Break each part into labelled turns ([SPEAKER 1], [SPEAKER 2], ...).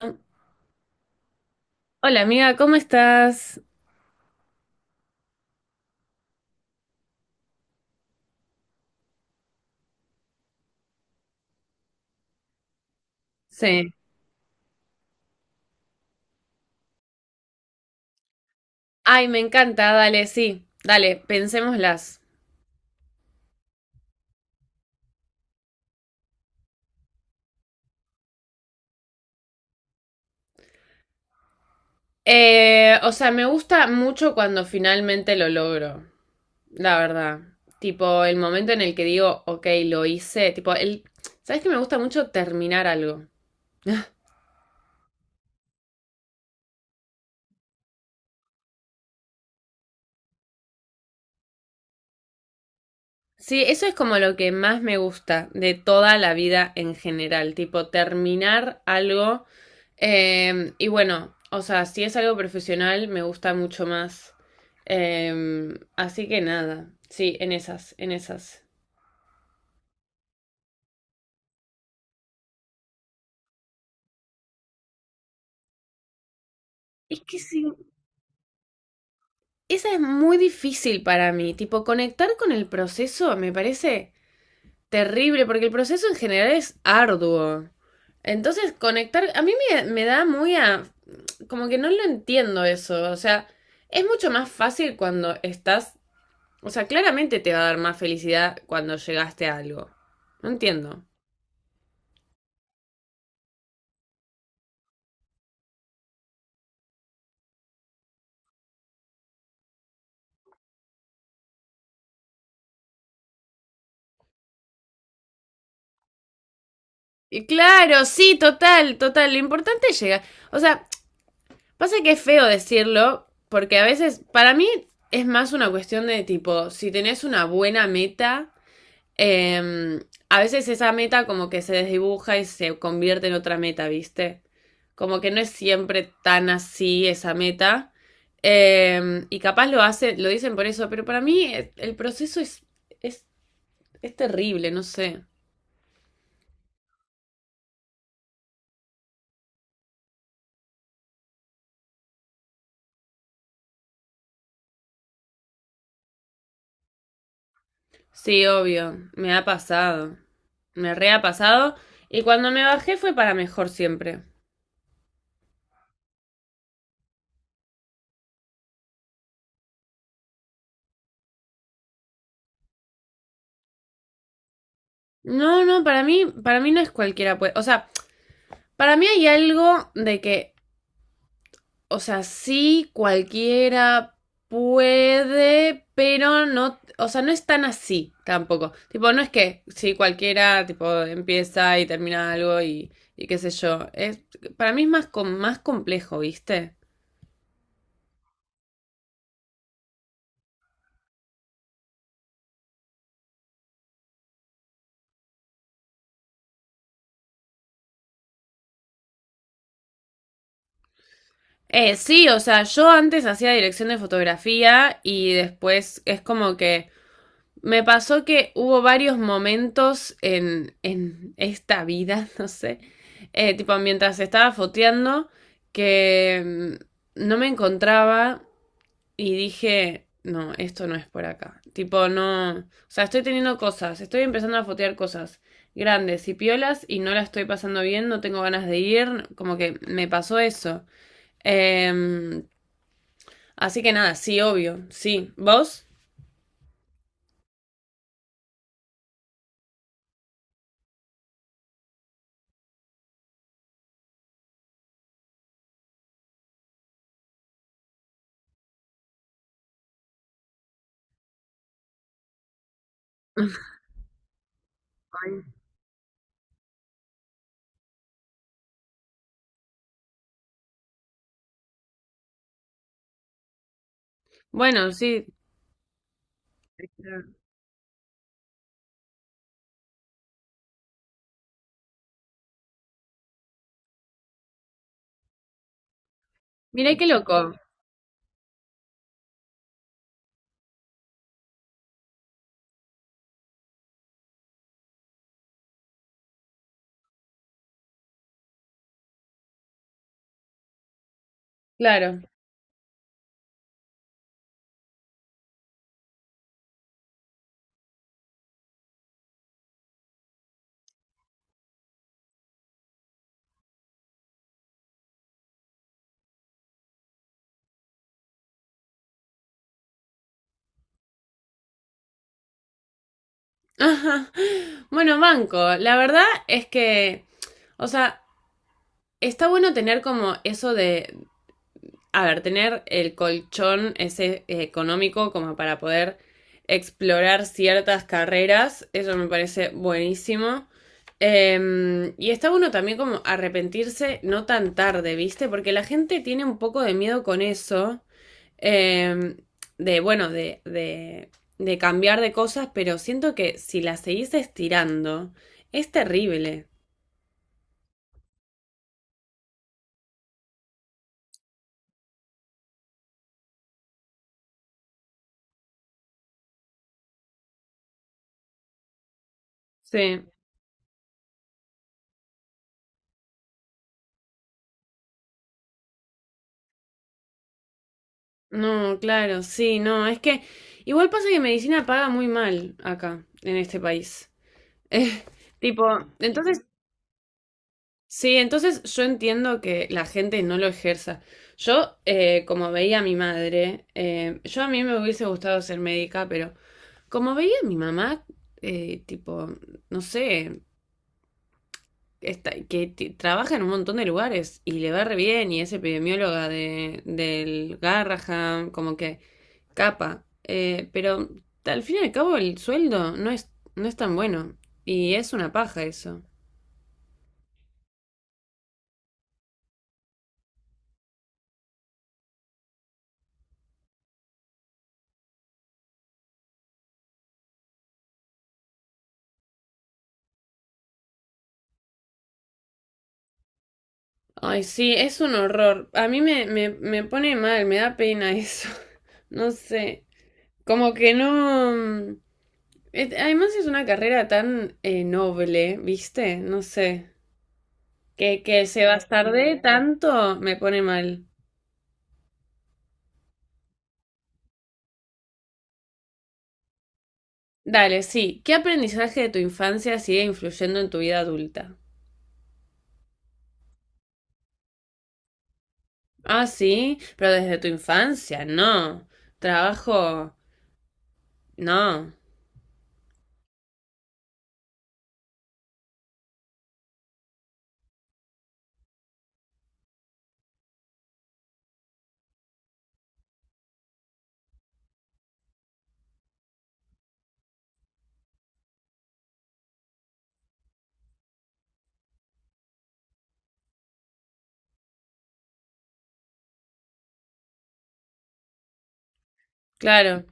[SPEAKER 1] Hola amiga, ¿cómo estás? Sí. Ay, me encanta, dale, sí, dale, pensémoslas. O sea, me gusta mucho cuando finalmente lo logro, la verdad. Tipo, el momento en el que digo, ok, lo hice. ¿Sabes que me gusta mucho terminar algo? Sí, eso es como lo que más me gusta de toda la vida en general, tipo, terminar algo. Y bueno, o sea, si es algo profesional, me gusta mucho más. Así que nada, sí, en esas, en esas. Es que sí, esa es muy difícil para mí. Tipo, conectar con el proceso me parece terrible, porque el proceso en general es arduo. Entonces, conectar, a mí me da muy. Como que no lo entiendo eso. O sea, es mucho más fácil cuando estás o sea, claramente te va a dar más felicidad cuando llegaste a algo. No entiendo. Y claro, sí, total, total. Lo importante es llegar. O sea, pasa que es feo decirlo, porque a veces, para mí, es más una cuestión de tipo, si tenés una buena meta, eh, a veces esa meta como que se desdibuja y se convierte en otra meta, ¿viste? Como que no es siempre tan así esa meta. Y capaz lo hacen, lo dicen por eso, pero para mí el proceso es Es terrible, no sé. Sí, obvio, me ha pasado. Me re ha pasado. Y cuando me bajé fue para mejor siempre. No, no, para mí no es cualquiera, pues. O sea, para mí hay algo de que, o sea, sí, cualquiera puede, pero no, o sea, no es tan así tampoco. Tipo, no es que sí, cualquiera, tipo, empieza y termina algo y qué sé yo. Para mí es más, más complejo, ¿viste? Sí, o sea, yo antes hacía dirección de fotografía y después es como que me pasó que hubo varios momentos en esta vida, no sé, tipo mientras estaba foteando que no me encontraba y dije, no, esto no es por acá. Tipo, no, o sea, estoy teniendo cosas, estoy empezando a fotear cosas grandes y piolas y no la estoy pasando bien, no tengo ganas de ir, como que me pasó eso. Em, Así que nada, sí, obvio, sí. ¿Vos? Bueno, sí. Mirá qué loco. Claro. Ajá. Bueno, banco, la verdad es que, o sea, está bueno tener como eso de, a ver, tener el colchón ese económico como para poder explorar ciertas carreras, eso me parece buenísimo. Y está bueno también como arrepentirse no tan tarde, ¿viste? Porque la gente tiene un poco de miedo con eso. eh, bueno, de cambiar de cosas, pero siento que si las seguís estirando, es terrible. Sí, no, claro, sí, no, es que igual pasa que medicina paga muy mal acá, en este país. Eh, Tipo, entonces, sí, entonces yo entiendo que la gente no lo ejerza. Como veía a mi madre, yo a mí me hubiese gustado ser médica, pero como veía a mi mamá, tipo, no sé, trabaja en un montón de lugares y le va re bien y es epidemióloga del Garrahan, como que capa. Pero al fin y al cabo el sueldo no es tan bueno y es una paja eso. Ay, sí, es un horror. A mí me pone mal, me da pena eso. No sé. Como que... no... mm, es- Además es una carrera tan noble, ¿viste? No sé. Que se bastardee tanto me pone mal. Dale, sí. ¿Qué aprendizaje de tu infancia sigue influyendo en tu vida adulta? Ah, sí, pero desde tu infancia, no. Trabajo, no. Claro.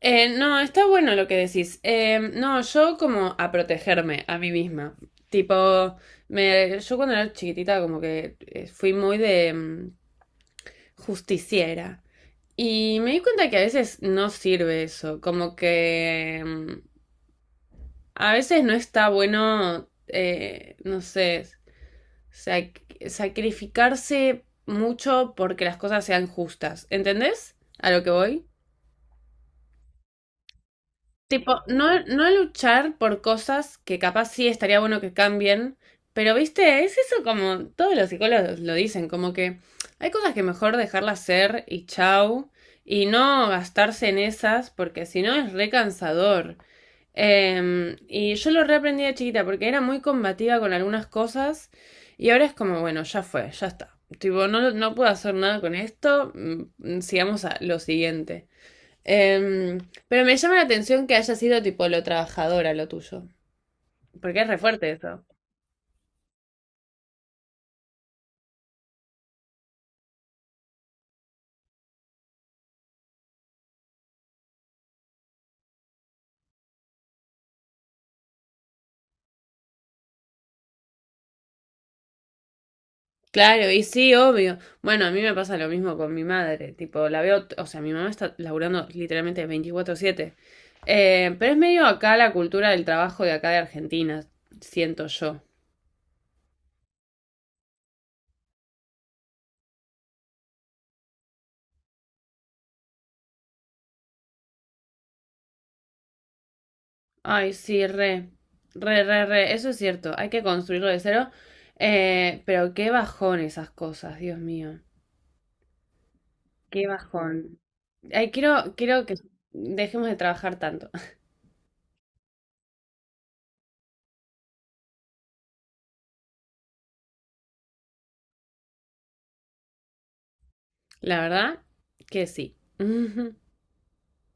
[SPEAKER 1] No, está bueno lo que decís. No, yo como a protegerme a mí misma. Tipo, yo cuando era chiquitita como que fui muy de justiciera. Y me di cuenta que a veces no sirve eso. A veces no está bueno, no sé, sacrificarse mucho porque las cosas sean justas. ¿Entendés a lo que voy? Tipo, no luchar por cosas que capaz sí estaría bueno que cambien, pero viste, es eso como todos los psicólogos lo dicen, como que hay cosas que mejor dejarlas ser y chau, y no gastarse en esas porque si no es re cansador. Y yo lo reaprendí de chiquita porque era muy combativa con algunas cosas y ahora es como, bueno, ya fue, ya está. Tipo, no, no puedo hacer nada con esto, sigamos a lo siguiente. Em, pero me llama la atención que haya sido tipo lo trabajadora lo tuyo, porque es re fuerte eso. Claro, y sí, obvio. Bueno, a mí me pasa lo mismo con mi madre, tipo, la veo, o sea, mi mamá está laburando literalmente 24/7. Pero es medio acá la cultura del trabajo de acá de Argentina, siento yo. Ay, sí, re, re, re, re, eso es cierto, hay que construirlo de cero, pero qué bajón esas cosas, Dios mío, qué bajón. Ay, quiero que dejemos de trabajar tanto, La verdad que sí.